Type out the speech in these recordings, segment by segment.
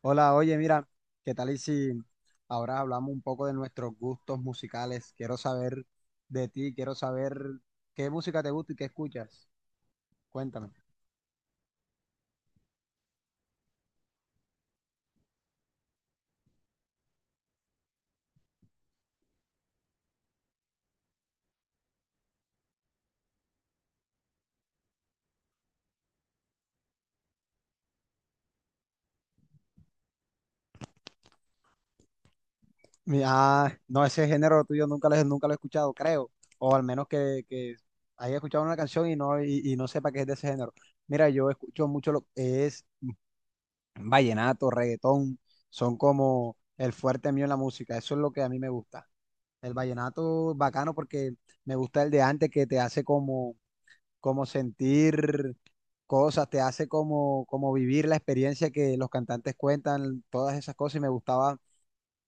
Hola, oye, mira, ¿qué tal y si ahora hablamos un poco de nuestros gustos musicales? Quiero saber de ti, quiero saber qué música te gusta y qué escuchas. Cuéntame. No, ese género tuyo nunca nunca lo he escuchado, creo. O al menos que haya escuchado una canción y y no sepa que es de ese género. Mira, yo escucho mucho lo que es vallenato, reggaetón, son como el fuerte mío en la música. Eso es lo que a mí me gusta. El vallenato bacano porque me gusta el de antes que te hace como sentir cosas, te hace como vivir la experiencia que los cantantes cuentan, todas esas cosas, y me gustaba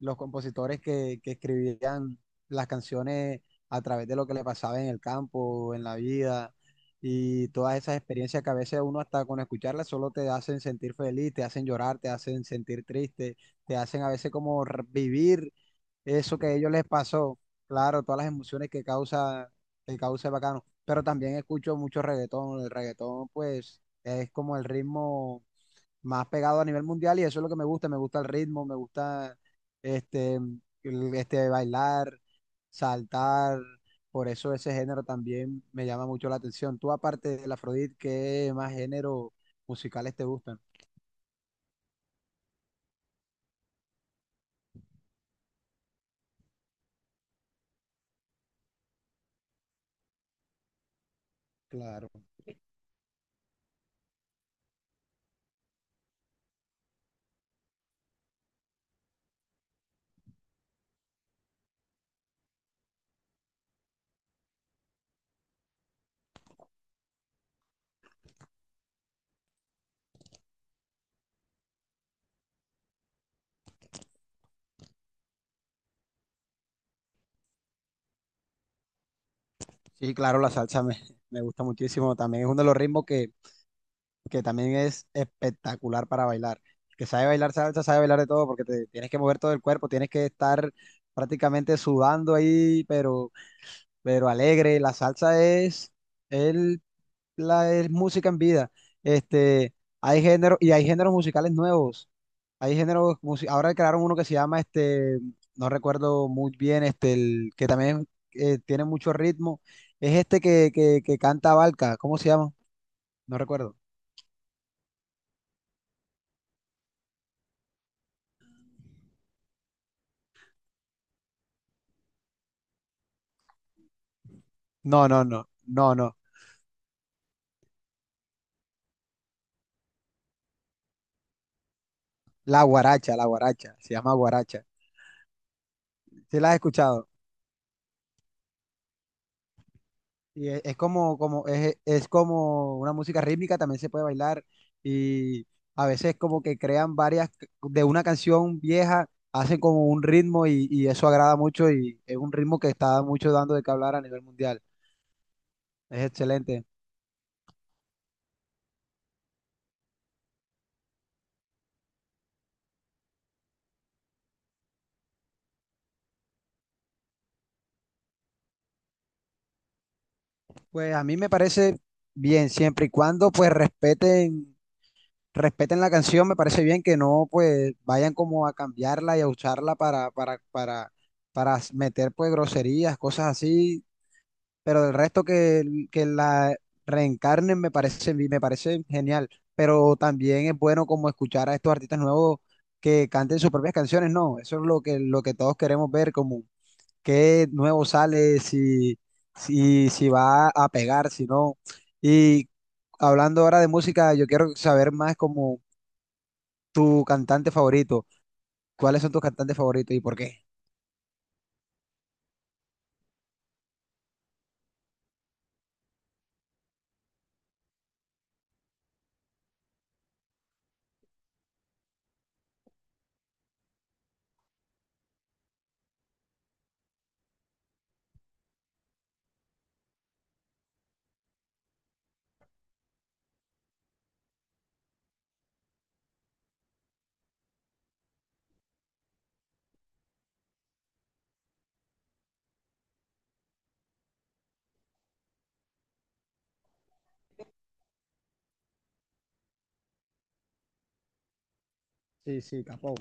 los compositores que escribían las canciones a través de lo que le pasaba en el campo, en la vida, y todas esas experiencias que a veces uno hasta con escucharlas solo te hacen sentir feliz, te hacen llorar, te hacen sentir triste, te hacen a veces como vivir eso que a ellos les pasó, claro, todas las emociones que causa el bacano, pero también escucho mucho reggaetón, el reggaetón pues es como el ritmo más pegado a nivel mundial y eso es lo que me gusta el ritmo, me gusta este, bailar, saltar, por eso ese género también me llama mucho la atención. Tú aparte del Afrodit, ¿qué más géneros musicales te gustan? Claro. Sí, claro, me gusta muchísimo, también es uno de los ritmos que también es espectacular para bailar. El que sabe bailar salsa, sabe bailar de todo porque te tienes que mover todo el cuerpo, tienes que estar prácticamente sudando ahí, pero alegre. La salsa el, es música en vida. Este, hay géneros musicales nuevos. Hay ahora crearon uno que se llama, no recuerdo muy bien, que también tiene mucho ritmo. Es este que canta Valka, ¿cómo se llama? No recuerdo. No, no, no, no, no. La guaracha, se llama guaracha. ¿Sí la has escuchado? Y es es como una música rítmica, también se puede bailar. Y a veces como que crean de una canción vieja, hacen como un ritmo y eso agrada mucho y es un ritmo que está mucho dando de qué hablar a nivel mundial. Es excelente. Pues a mí me parece bien, siempre y cuando pues respeten la canción, me parece bien que no pues vayan como a cambiarla y a usarla para meter pues groserías, cosas así pero del que la reencarnen me parece genial. Pero también es bueno como escuchar a estos artistas nuevos que canten sus propias canciones, ¿no? Eso es lo que todos queremos ver, como qué nuevo sale, si, si, si va a pegar, si no. Y hablando ahora de música, yo quiero saber más como tu cantante favorito. ¿Cuáles son tus cantantes favoritos y por qué? Sí, sí, capo.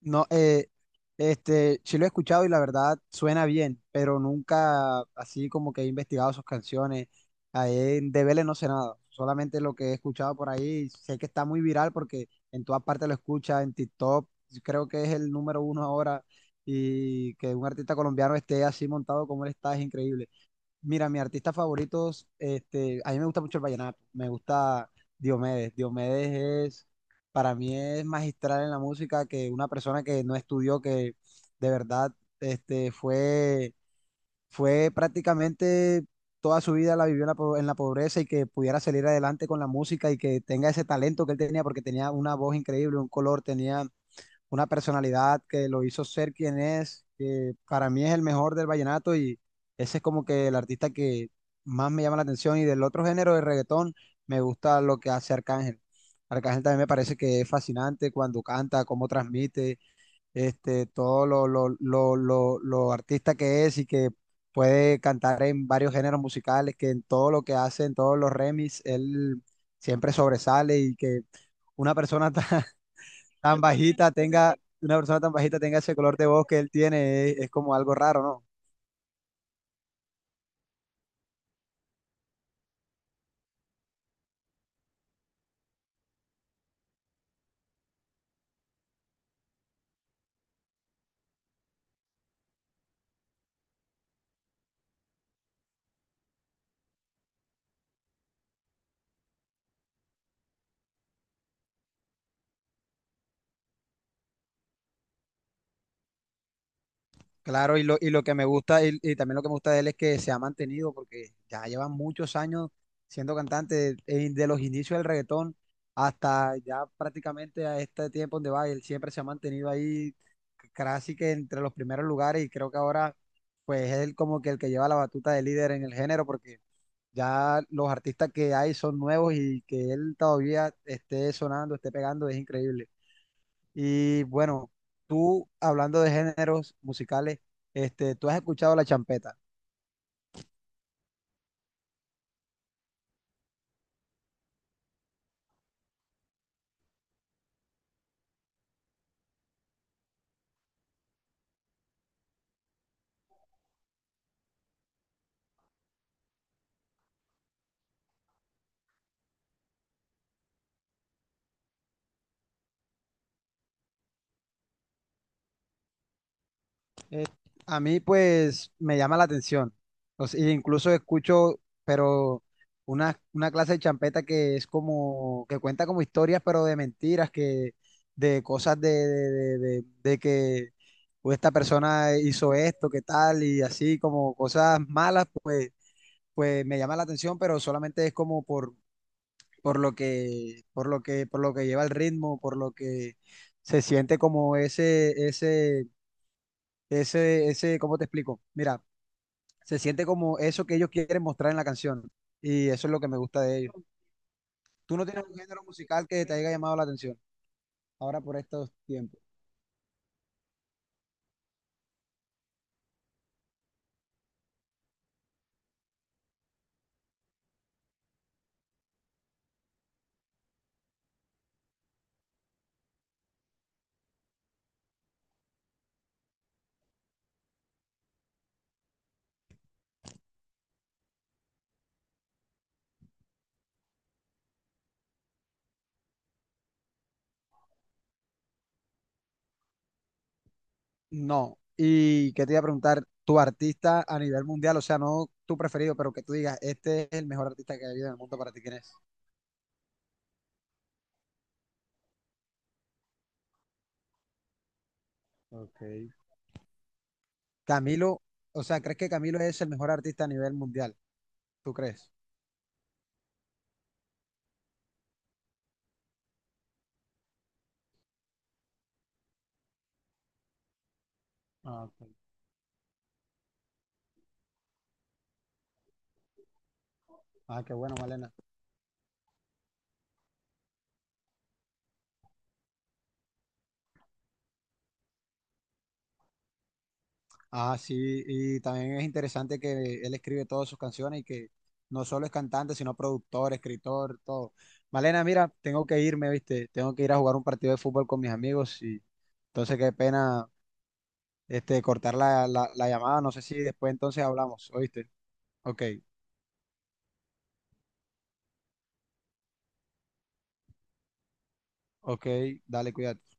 No, sí lo he escuchado y la verdad suena bien, pero nunca así como que he investigado sus canciones. Ahí en de Vélez no sé nada, solamente lo que he escuchado por ahí. Sé que está muy viral porque en todas partes lo escucha, en TikTok, creo que es el número uno ahora. Y que un artista colombiano esté así montado como él está es increíble. Mira, mis artistas favoritos, a mí me gusta mucho el vallenato, me gusta Diomedes. Para mí es magistral en la música que una persona que no estudió, que de verdad, este, fue, fue prácticamente toda su vida la vivió en en la pobreza y que pudiera salir adelante con la música y que tenga ese talento que él tenía, porque tenía una voz increíble, un color, tenía una personalidad que lo hizo ser quien es, que para mí es el mejor del vallenato y ese es como que el artista que más me llama la atención y del otro género de reggaetón me gusta lo que hace Arcángel. Arcángel también me parece que es fascinante cuando canta, cómo transmite, todo lo artista que es y que puede cantar en varios géneros musicales, que en todo lo que hace, en todos los remix, él siempre sobresale y que una persona tan una persona tan bajita tenga ese color de voz que él tiene, es como algo raro, ¿no? Claro, y lo que me y también lo que me gusta de él es que se ha mantenido, porque ya lleva muchos años siendo cantante, de los inicios del reggaetón hasta ya prácticamente a este tiempo donde va, él siempre se ha mantenido ahí casi que entre los primeros lugares y creo que ahora pues es él como que el que lleva la batuta de líder en el género porque ya los artistas que hay son nuevos y que él todavía esté sonando, esté pegando, es increíble. Y bueno, tú hablando de géneros musicales, ¿tú has escuchado la champeta? Eh, a mí pues me llama la atención. O sea, incluso escucho, pero una clase de champeta que es como, que cuenta como historias, pero de mentiras, que de cosas de que pues, esta persona hizo esto, que tal, y así como cosas malas, pues, pues me llama la atención, pero solamente es como por lo por lo que lleva el ritmo, por lo que se siente como ese. ¿Cómo te explico? Mira, se siente como eso que ellos quieren mostrar en la canción. Y eso es lo que me gusta de ellos. ¿Tú no tienes un género musical que te haya llamado la atención ahora por estos tiempos? No. Y qué te iba a preguntar, tu artista a nivel mundial, o sea, no tu preferido, pero que tú digas, este es el mejor artista que ha habido en el mundo para ti, ¿quién es? Ok, Camilo, o sea, ¿crees que Camilo es el mejor artista a nivel mundial? ¿Tú crees? Ah, ok. Ah, qué bueno, Malena. Ah, sí, y también es interesante que él escribe todas sus canciones y que no solo es cantante, sino productor, escritor, todo. Malena, mira, tengo que irme, ¿viste? Tengo que ir a jugar un partido de fútbol con mis amigos y entonces qué pena cortar la la llamada. No sé si después entonces hablamos, ¿oíste? Ok, ok, dale, cuídate.